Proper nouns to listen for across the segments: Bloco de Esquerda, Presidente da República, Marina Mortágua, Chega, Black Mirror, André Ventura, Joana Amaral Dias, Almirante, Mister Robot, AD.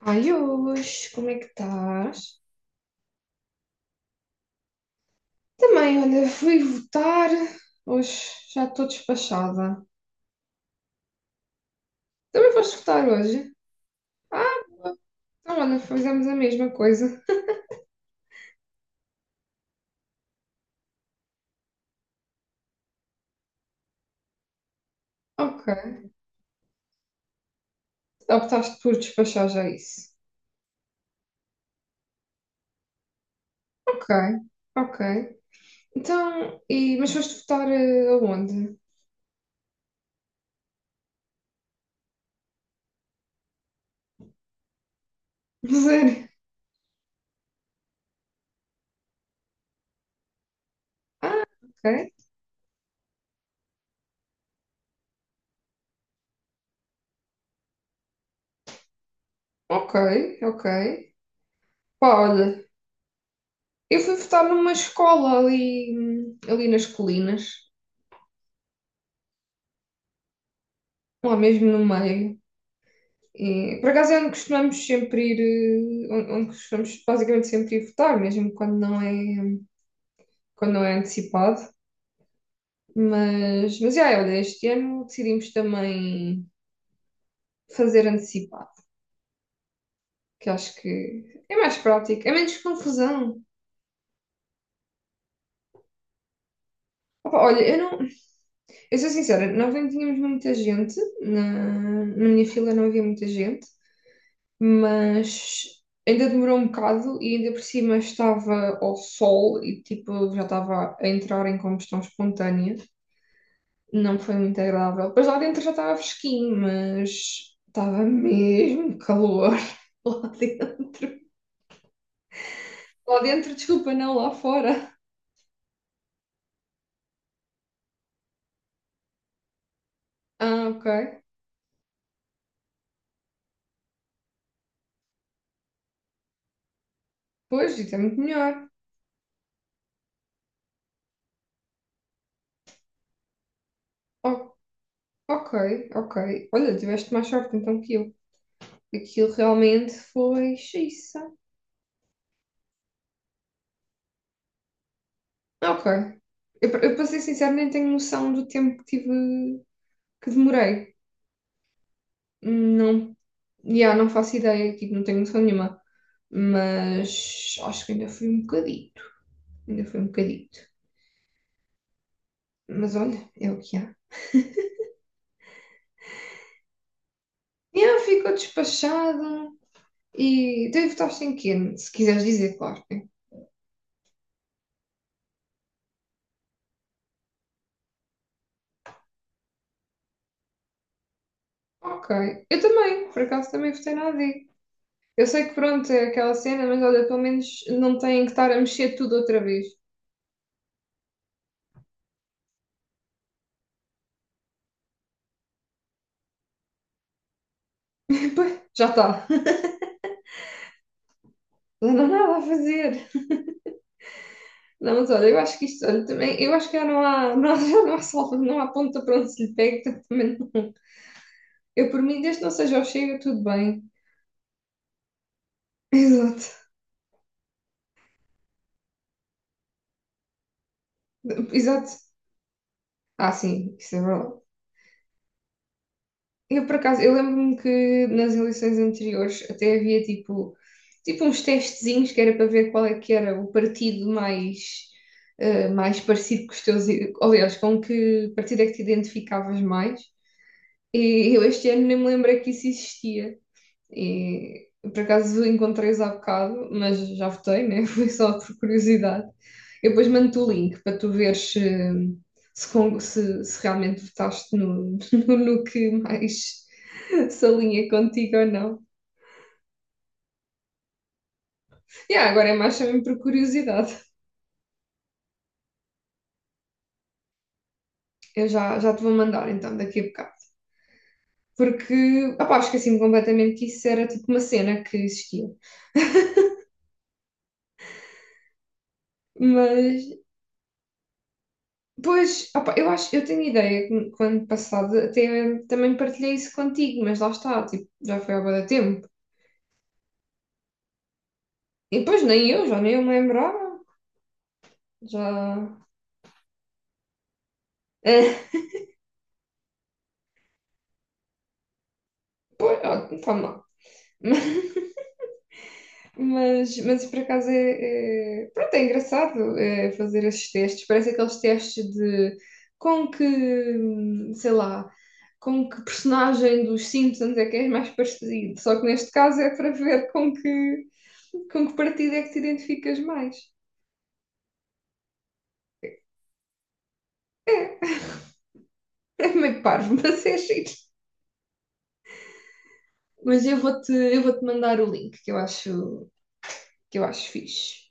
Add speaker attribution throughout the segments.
Speaker 1: Ai, hoje, como é que estás? Também, olha, fui votar. Hoje já estou despachada. Também foste votar hoje? Ah, boa. Então, olha, fizemos a mesma coisa. Ok. Optaste por despachar já isso. Ok, ok. Então, e, mas foste votar aonde? Sério? Ah, ok. Ok, ok. Pá, olha, eu fui votar numa escola ali, ali nas colinas, lá mesmo no meio. E, por acaso é onde costumamos sempre ir, onde, onde costumamos basicamente sempre ir votar, mesmo quando não é antecipado. Mas yeah, olha, este ano decidimos também fazer antecipado, que acho que é mais prático, é menos confusão. Opa, olha, eu não, eu sou sincera, nós nem tínhamos muita gente, na, na minha fila não havia muita gente, mas ainda demorou um bocado e ainda por cima estava ao sol e tipo já estava a entrar em combustão espontânea. Não foi muito agradável. Depois lá dentro já estava fresquinho, mas estava mesmo calor lá dentro. Lá dentro, desculpa, não, lá fora. Ah, ok. Pois, isso é muito melhor. O- ok, ok. Olha, tiveste mais sorte então que eu. Aquilo realmente foi xiça. Ok. Eu, para ser sincero, nem tenho noção do tempo que tive, que demorei. Não, yeah, não faço ideia, tipo, não tenho noção nenhuma. Mas acho que ainda foi um bocadito. Ainda foi um bocadito. Mas olha, é o que há. Yeah, ficou despachado. E então, e votaste em quê? Se quiseres dizer, claro. Né? Ok. Eu também, por acaso também votei na AD. Eu sei que pronto, é aquela cena, mas olha, pelo menos não têm que estar a mexer tudo outra vez. Pois, já está. Já Não há nada a fazer. Não, mas olha, eu acho que isto, olha, também, eu acho que já não há, não, já não há salva, não há ponta para onde se lhe pegue, portanto, também eu, por mim, desde que não seja o Chega, tudo bem. Exato, exato. Ah, sim, isso é verdade. Eu, por acaso, eu lembro-me que nas eleições anteriores até havia, tipo, tipo uns testezinhos que era para ver qual é que era o partido mais, mais parecido com os teus... Aliás, com que partido é que te identificavas mais. E eu este ano nem me lembrei que isso existia. E por acaso encontrei-os há bocado, mas já votei, né? Foi só por curiosidade. Eu depois mando-te o link para tu veres se, se, se realmente votaste no, no, no que mais se alinha contigo ou não. E ah, agora é mais também por curiosidade. Eu já, já te vou mandar então daqui a bocado. Porque, opá, esqueci-me completamente que isso era tipo uma cena que existia. Mas pois, opa, eu acho, eu tenho ideia que o ano passado até também partilhei isso contigo, mas lá está, tipo, já foi há bué de tempo. E depois nem eu, já nem eu me lembrava, já... Pois, ó, tá mal. Mas por acaso é, pronto, é engraçado é, fazer esses testes. Parece aqueles testes de com que, sei lá, com que personagem dos Simpsons é que és mais parecido. Só que neste caso é para ver com que partido é que te identificas mais. É meio parvo, mas é giro. Mas eu vou-te mandar o link que eu acho fixe.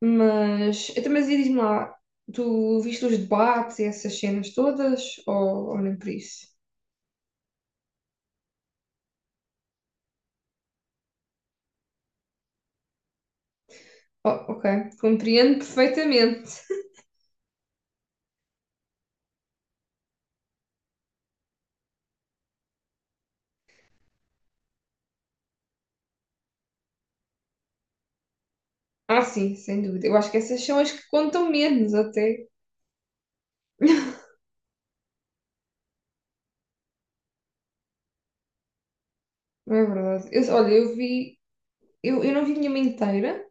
Speaker 1: Mas, então, mas e diz-me lá, tu viste os debates e essas cenas todas ou nem por isso? Oh, ok, compreendo perfeitamente. Ah, sim, sem dúvida. Eu acho que essas são as que contam menos até. Não é verdade. Eu, olha, eu vi, eu não vi nenhuma inteira,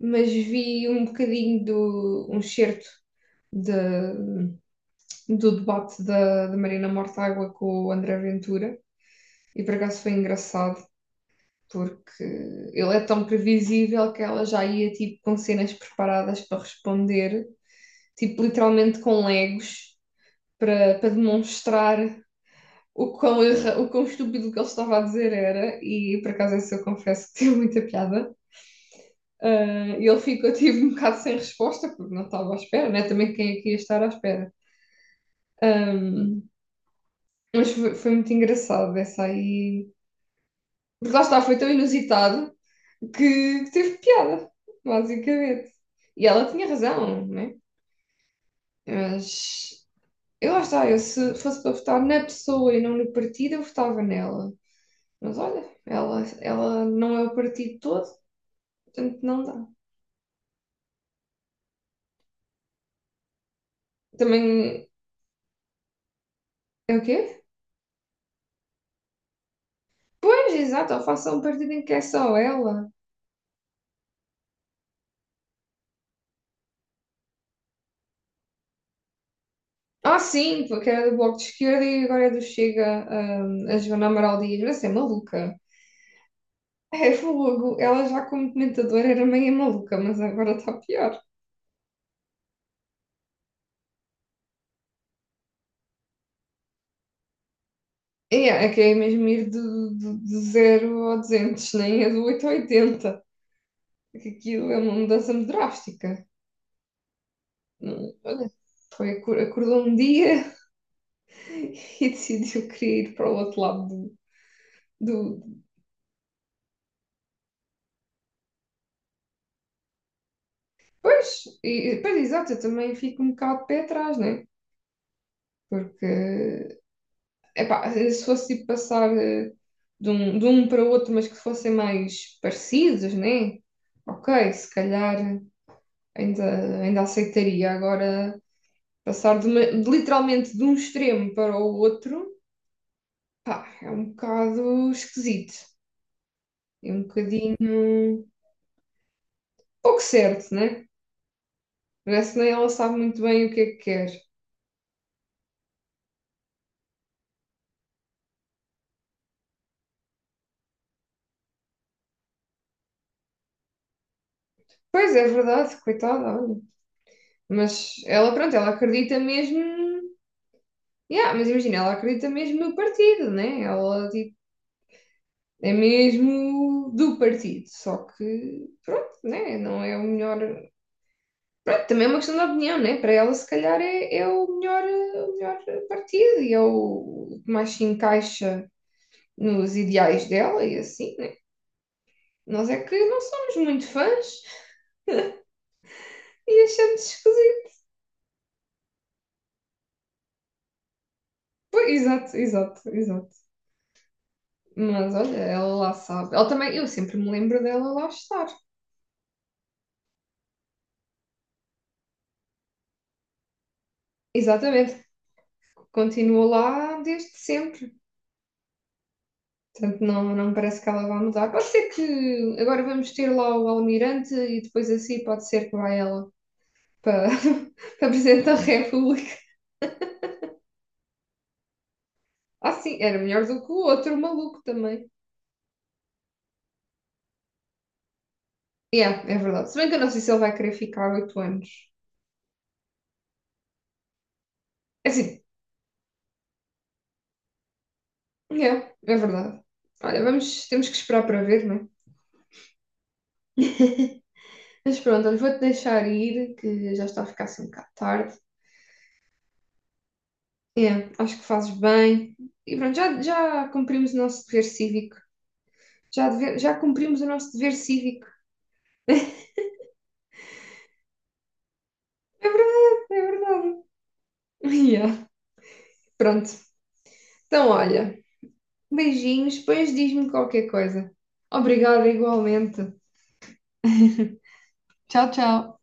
Speaker 1: mas vi um bocadinho do um certo da do debate da, da Marina Mortágua com o André Ventura e por acaso foi engraçado porque ele é tão previsível que ela já ia tipo com cenas preparadas para responder, tipo literalmente com legos para, para demonstrar o quão, erra, o quão estúpido que ele estava a dizer era e por acaso esse eu confesso que teve muita piada. Ah, e ele ficou, tive um bocado sem resposta, porque não estava à espera, né? Também quem é que ia estar à espera. Ahm, mas foi, foi muito engraçado essa aí. Porque lá está, foi tão inusitado que teve piada, basicamente. E ela tinha razão, né? Mas eu lá está, eu se fosse para votar na pessoa e não no partido, eu votava nela. Mas olha, ela não é o partido todo, portanto não dá. Também é o quê? Pois, exato, ou faça um partido em que é só ela. Ah, sim, porque era do Bloco de Esquerda e agora é do Chega, ah, a Joana Amaral Dias, mas é maluca. É fogo. Ela já como comentadora era meio maluca, mas agora está pior. É, é que é mesmo ir do, do, do 0 ao 200, nem é do 8 ao 80. É que aquilo é uma mudança muito drástica. Olha, foi, acordou um dia e decidiu que queria ir para o outro lado do... do... Pois, e, pois, exato, eu também fico um bocado de pé atrás, né? Porque epá, se fosse tipo, passar de um para o outro, mas que fossem mais parecidos, né? Ok, se calhar ainda, ainda aceitaria. Agora, passar de de literalmente de um extremo para o outro, pá, é um bocado esquisito. É um bocadinho pouco certo, né? Parece que nem ela sabe muito bem o que é que quer. Pois é, verdade, coitada, olha. Mas ela, pronto, ela acredita mesmo. Yeah, mas imagina, ela acredita mesmo no partido, né? Ela, tipo, é mesmo do partido, só que pronto, né? Não é o melhor. Pronto, também é uma questão de opinião, né? Para ela, se calhar, é, é o melhor partido e é o que mais se encaixa nos ideais dela e assim, né? Nós é que não somos muito fãs e achamos esquisito. Pois, exato, exato, exato. Mas olha, ela lá sabe. Ela também, eu sempre me lembro dela lá estar. Exatamente, continua lá desde sempre. Portanto, não, não me parece que ela vá mudar. Pode ser que agora vamos ter lá o Almirante e depois assim pode ser que vá ela para, para Presidente da República. Ah, sim, era melhor do que o outro maluco também. Yeah, é verdade. Se bem que eu não sei se ele vai querer ficar oito anos. É assim, yeah, é verdade. Olha, vamos, temos que esperar para ver, não é? Mas pronto, olha, vou-te deixar ir, que já está a ficar assim um bocado tarde. Yeah, acho que fazes bem. E pronto, já, já cumprimos o nosso dever cívico. Já, já cumprimos o nosso dever cívico. É verdade, é verdade. Yeah. Pronto. Então, olha, beijinhos, depois diz-me qualquer coisa. Obrigada igualmente. Tchau, tchau.